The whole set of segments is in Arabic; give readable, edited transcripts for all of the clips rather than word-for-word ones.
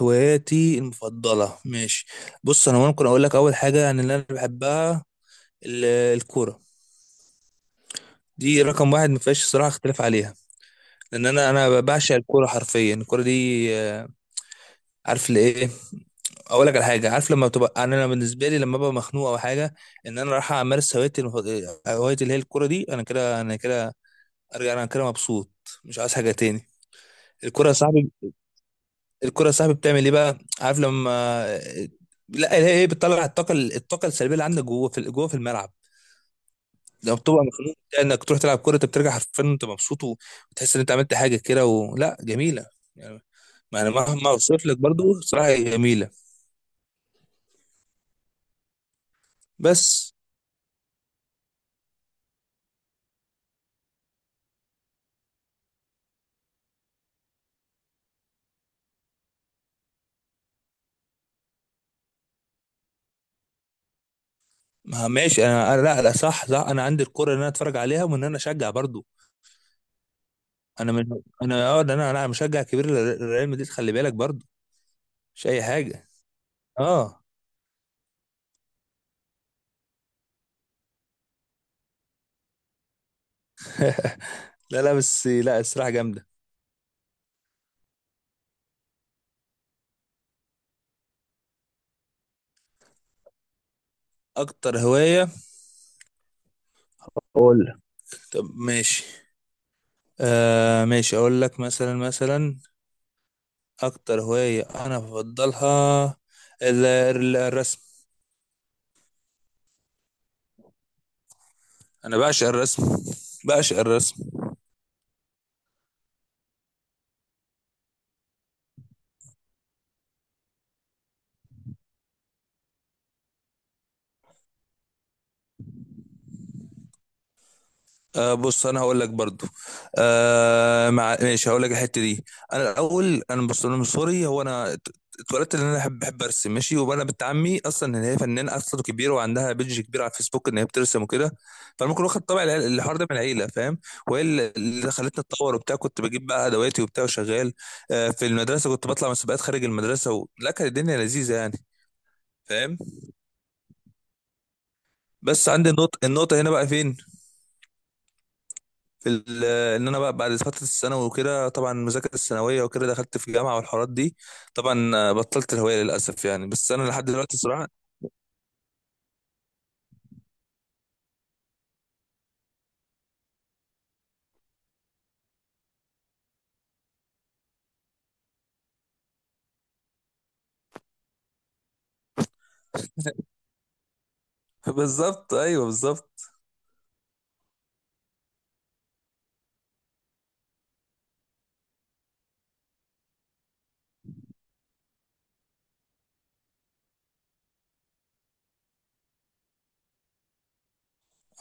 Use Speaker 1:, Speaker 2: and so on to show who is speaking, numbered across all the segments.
Speaker 1: هواياتي المفضلة، ماشي. بص، أنا ممكن أقول لك أول حاجة يعني، اللي أنا بحبها، ال- الكورة. دي رقم واحد، ما فيهاش صراحة اختلاف عليها، لأن أنا بعشق الكورة حرفيا. الكورة دي، عارف لإيه؟ أقول لك على حاجة. عارف لما بتبقى، يعني أنا بالنسبة لي لما ببقى مخنوق أو حاجة، إن أنا رايح أمارس هوايتي المفضلة، هوايتي اللي هي الكورة دي، أنا كده، أرجع أنا كده مبسوط، مش عايز حاجة تاني. الكورة يا صاحبي، الكرة يا صاحبي بتعمل ايه بقى؟ عارف لما... لا، هي بتطلع الطاقة، الطاقة السلبية اللي عندك جوه، في الملعب. لما بتبقى مخنوق، انك تروح تلعب كورة، انت بترجع حرفيا انت مبسوط، وتحس ان انت عملت حاجة كده، ولا جميلة يعني. ما انا مهما اوصف لك برضو، صراحة هي جميلة. بس ما ماشي، انا لا لا، صح صح، انا عندي الكرة ان انا اتفرج عليها، وان انا اشجع برضو. انا من... انا ده، انا مشجع كبير لريال مدريد، خلي بالك، برضو مش اي حاجة. اه. لا لا، بس لا، الصراحة جامدة. اكتر هواية؟ قول لي. طب ماشي. ماشي، اقول لك مثلا، اكتر هواية انا بفضلها، الرسم. انا بعشق الرسم، بعشق الرسم. بص، انا هقول لك برضو. مع ماشي، هقول لك الحته دي. انا الاول، انا بص، انا من صغري، هو انا اتولدت ان انا بحب ارسم ماشي. وانا بنت عمي اصلا، ان هي فنانه اصلا كبيره، وعندها بيدج كبير على الفيسبوك ان هي بترسم وكده. فانا ممكن واخد طبع الحوار ده من العيله، فاهم؟ وهي اللي خلتني اتطور وبتاع. كنت بجيب بقى ادواتي وبتاع وشغال. في المدرسه كنت بطلع مسابقات خارج المدرسه لا، كانت الدنيا لذيذه يعني، فاهم؟ بس عندي النقطه، النقطه هنا بقى فين؟ ال- ان انا بقى بعد فتره الثانوي وكده، طبعا المذاكره الثانويه وكده، دخلت في جامعه والحوارات دي. طبعا بطلت الهوايه للاسف يعني، بس انا لحد دلوقتي صراحه. بالظبط، ايوه بالظبط.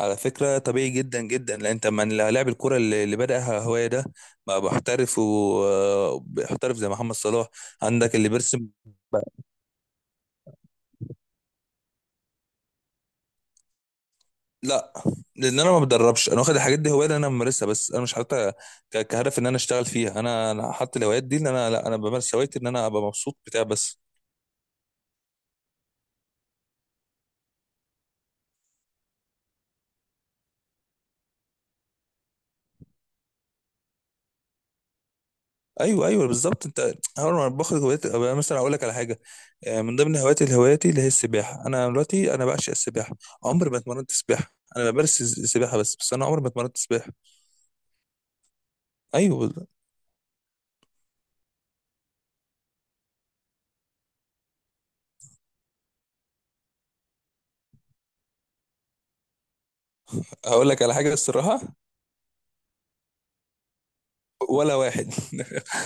Speaker 1: على فكره طبيعي جدا جدا، لان انت من لاعب الكوره اللي بداها هوايه، ده بقى محترف، ومحترف زي محمد صلاح. عندك اللي بيرسم بقى- لا، لان انا ما بدربش. انا واخد الحاجات دي هوايه، اللي انا بمارسها، بس انا مش حاططها كهدف ان انا اشتغل فيها. انا حاطط الهوايات دي ان انا لا، انا بمارس هوايتي ان انا ابقى مبسوط بتاع بس. ايوه ايوه، بالظبط انت. اول ما باخد هوايات، أبقى مثلا اقول لك على حاجه، من ضمن هواياتي، اللي هي السباحه. انا دلوقتي انا بعشق السباحه. عمري ما اتمرنت سباحه. انا بمارس السباحه، بس انا عمري ما اتمرنت سباحه. ايوه بالظبط. هقول لك على حاجه، الصراحه، ولا واحد.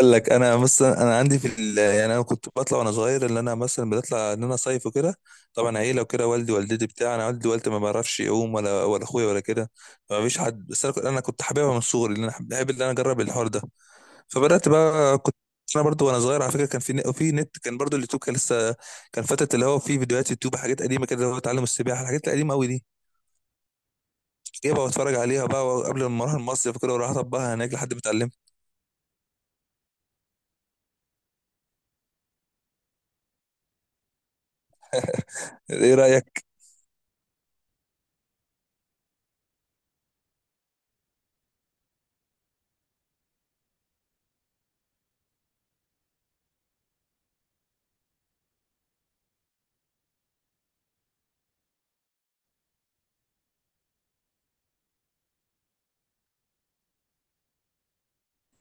Speaker 1: اقول لك، انا مثلا انا عندي في ال... يعني انا كنت بطلع وانا صغير، اللي انا مثلا بطلع ان انا صيف وكده، طبعا عيله وكده، والدي والدتي بتاع، انا والدي والدتي ما بعرفش يعوم، ولا اخويا ولا كده، ما فيش حد. بس أنا كنت حاببها من صغري، لان انا بحب ان انا اجرب الحوار ده. فبدات بقى، كنت انا برضو وانا صغير على فكره. كان في نت كان، برضو اليوتيوب كان لسه، كان فتره اللي هو في فيديوهات يوتيوب، حاجات قديمه كده، اللي هو تعلم السباحه، الحاجات القديمه قوي دي، جايبها واتفرج عليها بقى قبل ما اروح المصيف كده، واروح اطبقها هناك لحد ما اتعلمت. ايه رايك؟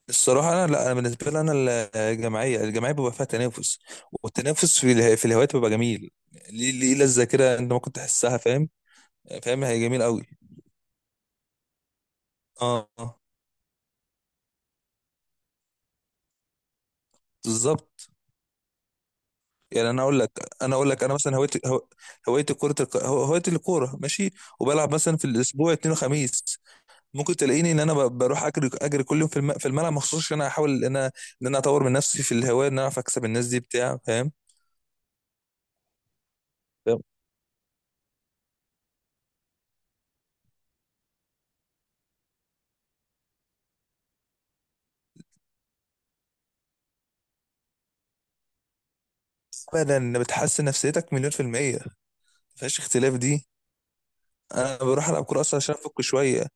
Speaker 1: الصراحه انا لا، انا بالنسبه لي انا، الجماعيه بيبقى فيها تنافس، والتنافس في في الهوايات بيبقى جميل، ليه؟ ليه لذه كده، انت ممكن تحسها، فاهم؟ فاهم، هي جميل قوي. اه، بالظبط. يعني انا اقول لك، انا مثلا هوايتي هوايتي كره، هوايتي الكوره ماشي. وبلعب مثلا في الاسبوع اثنين وخميس. ممكن تلاقيني ان انا بروح اجري كل يوم في في الملعب مخصوص، عشان انا احاول ان انا، ان انا اطور من نفسي في الهوايه، ان انا اعرف اكسب الناس دي بتاع، فاهم؟ فاهم. ابدا، بتحسن نفسيتك مليون في الميه، مفيهاش اختلاف دي. انا بروح العب كوره اصلا عشان افك شويه.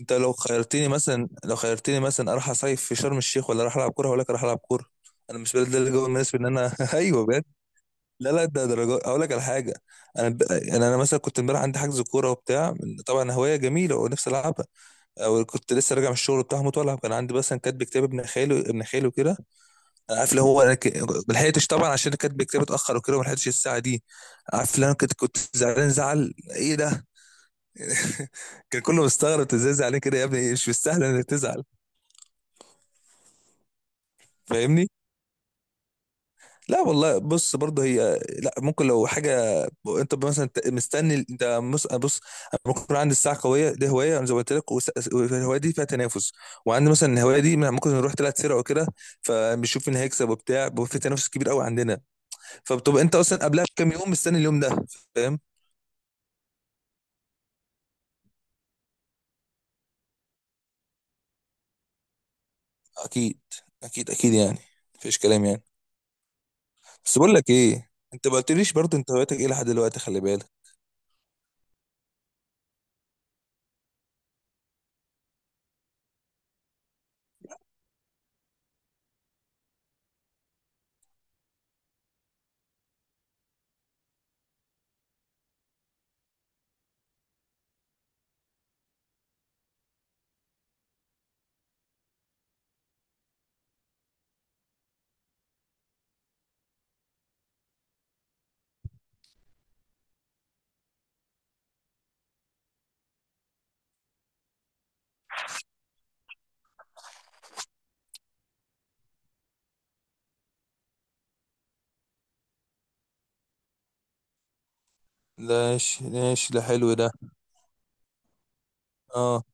Speaker 1: انت لو خيرتني مثلا، اروح اصيف في شرم الشيخ ولا اروح العب كوره، هقول لك اروح العب كوره. انا مش ده الجو المناسب ان انا. ايوه بجد. لا لا، ده درجات، اقول لك على حاجه. انا ب... انا مثلا كنت امبارح عندي حجز كوره وبتاع، طبعا هوايه جميله ونفسي العبها، او كنت لسه راجع من الشغل بتاع مطالع. كان عندي مثلا كاتب كتاب ابن خاله كده، انا عارف اللي هو انا ك... ما لحقتش طبعا، عشان كاتب كتاب اتاخر وكده، ما لحقتش الساعه دي. عارف اللي انا كنت زعلان، زعل ايه ده! كان كله مستغرب، إنت ازاي زعلان كده يا ابني؟ مش مستاهل انك تزعل. فاهمني؟ لا والله بص، برضه هي لا، ممكن لو حاجه. انت مثلا مستني، انت بص، أنا ممكن يكون عندي الساعه قويه دي هوايه، أنا زي ما قلت لك، والهوايه دي فيها تنافس، وعندي مثلا الهوايه دي ممكن نروح 3 سرعه وكده، فبنشوف مين هيكسب وبتاع، بيبقى في تنافس كبير قوي عندنا، فبتبقى انت اصلا قبلها بكام يوم مستني اليوم ده، فاهم؟ اكيد، اكيد اكيد يعني، مفيش كلام يعني. بس بقول لك ايه، انت ما قلتليش برضه انت هوايتك ايه لحد دلوقتي، خلي بالك. ماشي ماشي، ده حلو ده. اه،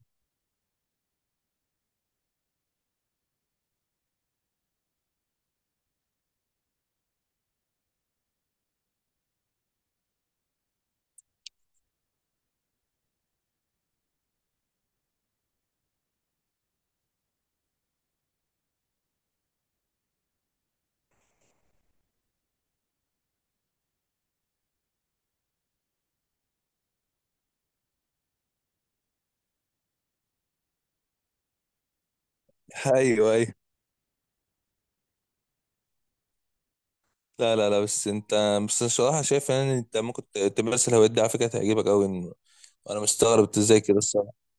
Speaker 1: ايوه ايوه. لا لا لا، بس انت، بس الصراحه شايف ان انت ممكن تمارس الهوايات دي على فكره، تعجبك قوي، ان انا مستغرب انت ازاي كده، الصراحه.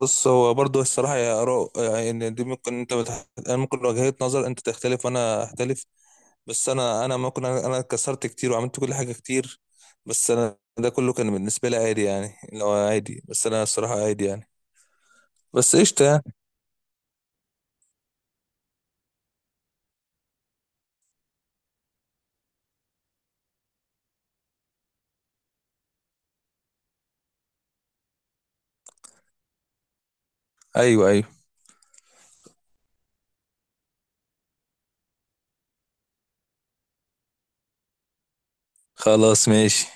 Speaker 1: بص، هو برضه الصراحه يا اراء، يعني ان دي ممكن انت بتح... انا ممكن وجهه نظر انت تختلف وانا اختلف. بس انا ممكن انا اتكسرت كتير وعملت كل حاجه كتير، بس انا ده كله كان بالنسبه لي عادي يعني، لو عادي، بس انا الصراحه عادي يعني. بس قشطه يعني. ايوه ايوه، خلاص ماشي.